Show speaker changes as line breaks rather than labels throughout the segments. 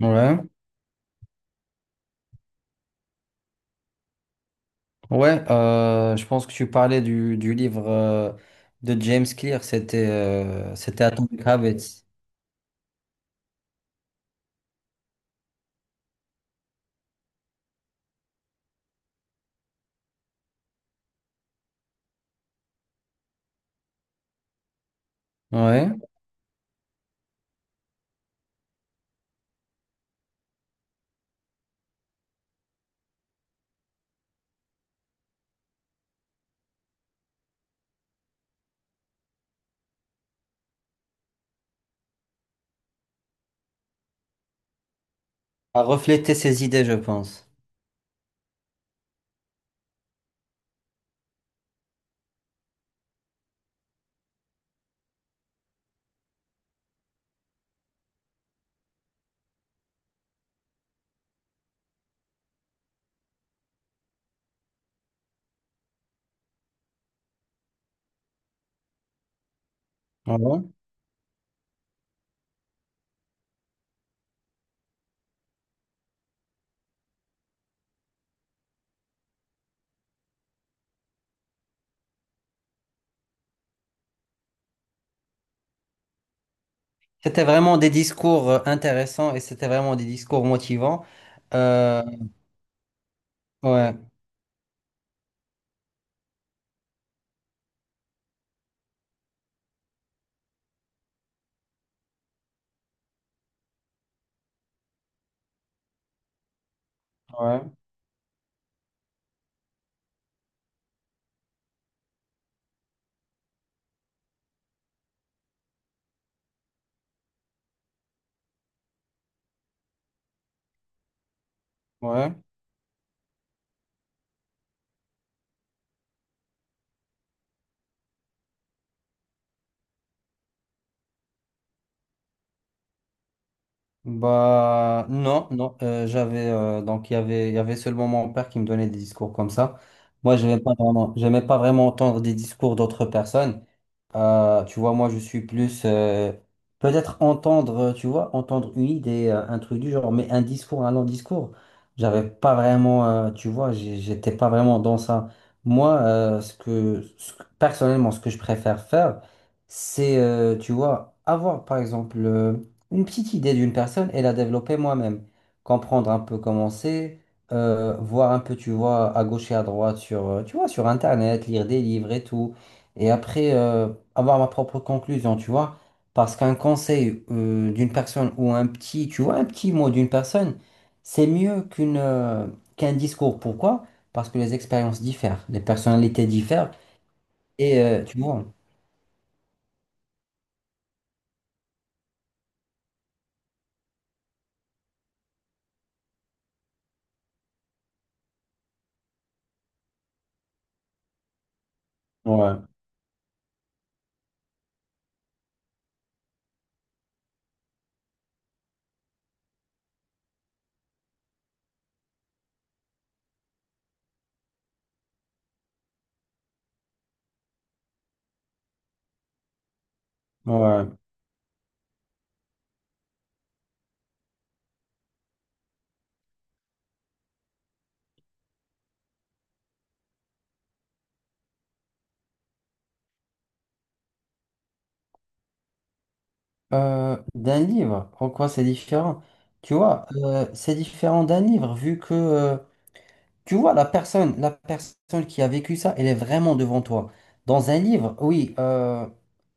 Ouais, ouais, je pense que tu parlais du livre de James Clear, c'était Atomic Habits. Ouais, à refléter ses idées, je pense. Ouais. C'était vraiment des discours intéressants et c'était vraiment des discours motivants. Euh, ouais, ouais, ouais. Bah non, non, J'avais donc il y avait seulement mon père qui me donnait des discours comme ça. Moi, j'aimais pas vraiment entendre des discours d'autres personnes. Tu vois, moi je suis plus peut-être entendre, tu vois, entendre une idée, un truc du genre, mais un discours, un long discours, j'avais pas vraiment, tu vois, j'étais pas vraiment dans ça. Moi, ce que, personnellement, ce que je préfère faire, c'est, tu vois, avoir par exemple. Une petite idée d'une personne et la développer moi-même. Comprendre un peu comment c'est, voir un peu, tu vois, à gauche et à droite sur, tu vois, sur Internet, lire des livres et tout. Et après, avoir ma propre conclusion, tu vois. Parce qu'un conseil, d'une personne ou un petit, tu vois, un petit mot d'une personne, c'est mieux qu'une, qu'un discours. Pourquoi? Parce que les expériences diffèrent, les personnalités diffèrent. Et, tu vois. Ouais, ouais. D'un livre. En quoi c'est différent? Tu vois, c'est différent d'un livre vu que, tu vois, la personne qui a vécu ça, elle est vraiment devant toi. Dans un livre, oui,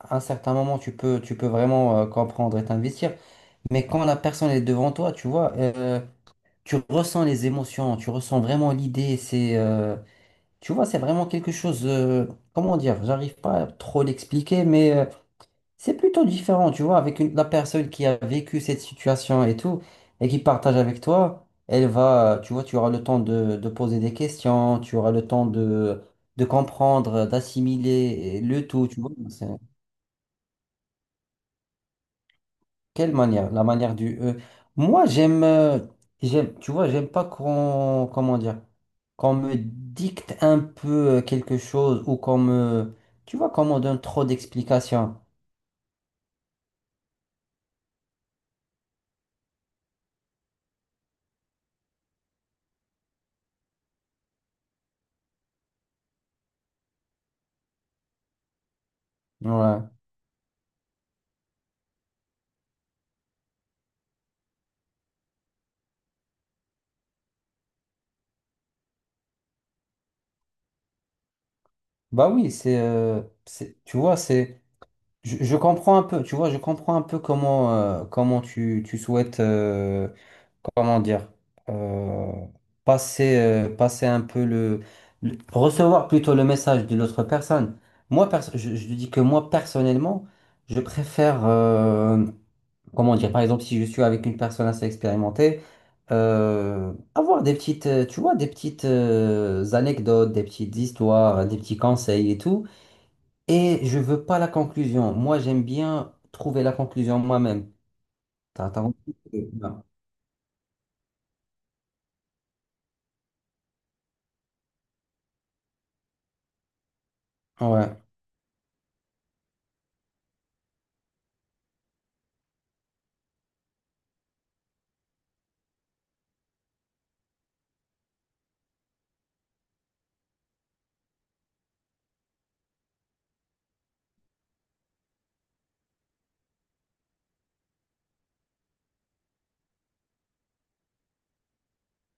à un certain moment, tu peux vraiment comprendre et t'investir. Mais quand la personne est devant toi, tu vois, tu ressens les émotions, tu ressens vraiment l'idée. C'est, tu vois, c'est vraiment quelque chose. Comment dire? J'arrive pas à trop l'expliquer, mais c'est plutôt différent, tu vois, avec la personne qui a vécu cette situation et tout, et qui partage avec toi, elle va, tu vois, tu auras le temps de poser des questions, tu auras le temps de comprendre, d'assimiler le tout, tu vois. Quelle manière? La manière du. Moi, j'aime, j'aime, tu vois, j'aime pas qu'on, comment dire, qu'on me dicte un peu quelque chose ou qu'on me, tu vois, qu'on me donne trop d'explications. Ouais. Bah oui, c'est, tu vois, c'est. Je comprends un peu, tu vois, je comprends un peu comment, comment tu, tu souhaites, comment dire, euh, passer, passer un peu le, recevoir plutôt le message de l'autre personne. Moi, je dis que moi, personnellement, je préfère, comment dire, par exemple, si je suis avec une personne assez expérimentée, avoir des petites, tu vois, des petites, anecdotes, des petites histoires, des petits conseils et tout. Et je veux pas la conclusion. Moi, j'aime bien trouver la conclusion moi-même. T'as, t'as compris? Ouais,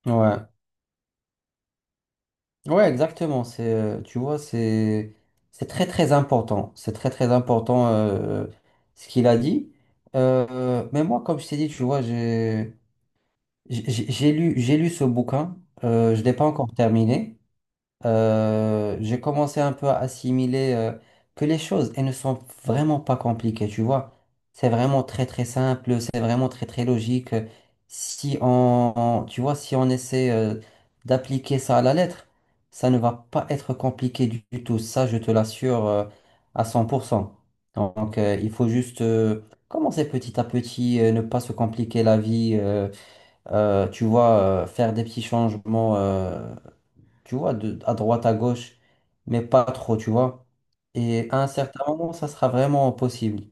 ouais. Ouais, exactement. C'est, tu vois, c'est très, très important. C'est très, très important ce qu'il a dit. Mais moi, comme je t'ai dit, tu vois, j'ai, j'ai lu ce bouquin. Je ne l'ai pas encore terminé. J'ai commencé un peu à assimiler que les choses, elles ne sont vraiment pas compliquées, tu vois. C'est vraiment très très simple, c'est vraiment très très logique. Si on, tu vois, si on essaie d'appliquer ça à la lettre, ça ne va pas être compliqué du tout. Ça, je te l'assure à 100%. Donc, il faut juste commencer petit à petit, ne pas se compliquer la vie. Tu vois, faire des petits changements. Tu vois, de, à droite, à gauche, mais pas trop, tu vois. Et à un certain moment, ça sera vraiment possible.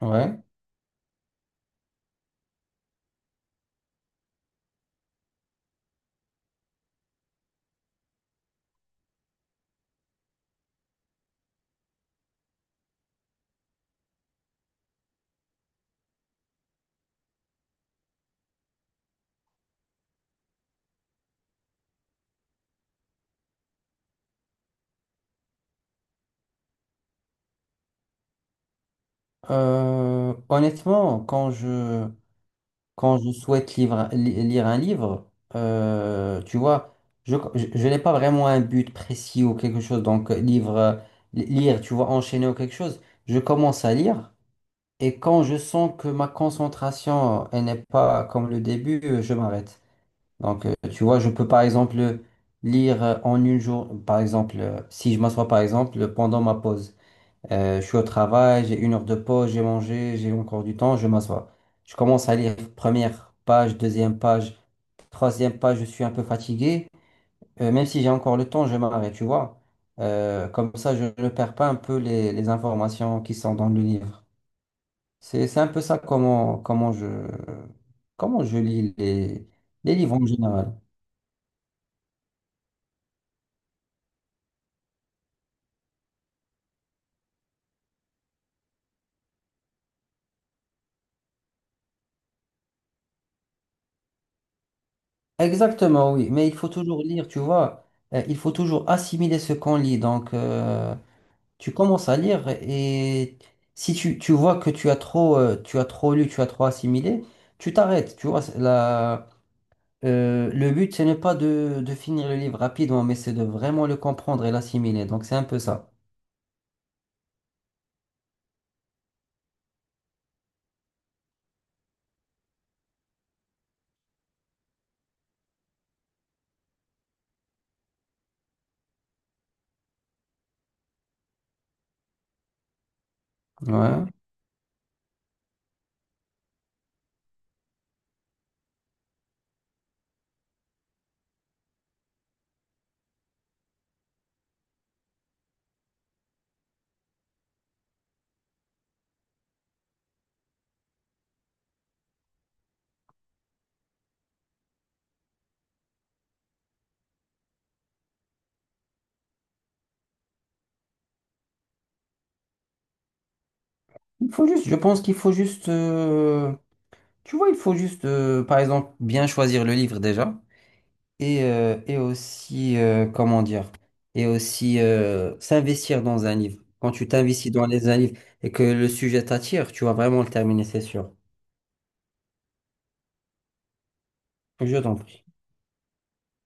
Ouais. Honnêtement, quand je souhaite lire un livre, tu vois, je n'ai pas vraiment un but précis ou quelque chose. Donc, livre, lire, tu vois, enchaîner ou quelque chose. Je commence à lire et quand je sens que ma concentration, elle n'est pas comme le début, je m'arrête. Donc, tu vois, je peux par exemple lire en une jour, par exemple, si je m'assois par exemple pendant ma pause. Je suis au travail, j'ai une heure de pause, j'ai mangé, j'ai encore du temps, je m'assois. Je commence à lire première page, deuxième page, troisième page, je suis un peu fatigué. Même si j'ai encore le temps, je m'arrête, tu vois. Comme ça, je ne perds pas un peu les informations qui sont dans le livre. C'est un peu ça comment, comment je lis les livres en général. Exactement, oui, mais il faut toujours lire, tu vois. Il faut toujours assimiler ce qu'on lit. Donc, tu commences à lire et si tu, tu vois que tu as trop lu, tu as trop assimilé, tu t'arrêtes. Tu vois, c'est la, le but, ce n'est pas de, de finir le livre rapidement, mais c'est de vraiment le comprendre et l'assimiler. Donc, c'est un peu ça. Ouais. Il faut juste, je pense qu'il faut juste, tu vois, il faut juste, par exemple, bien choisir le livre déjà. Et, et aussi, comment dire, et aussi s'investir dans un livre. Quand tu t'investis dans les, un livre et que le sujet t'attire, tu vas vraiment le terminer, c'est sûr. Je t'en prie.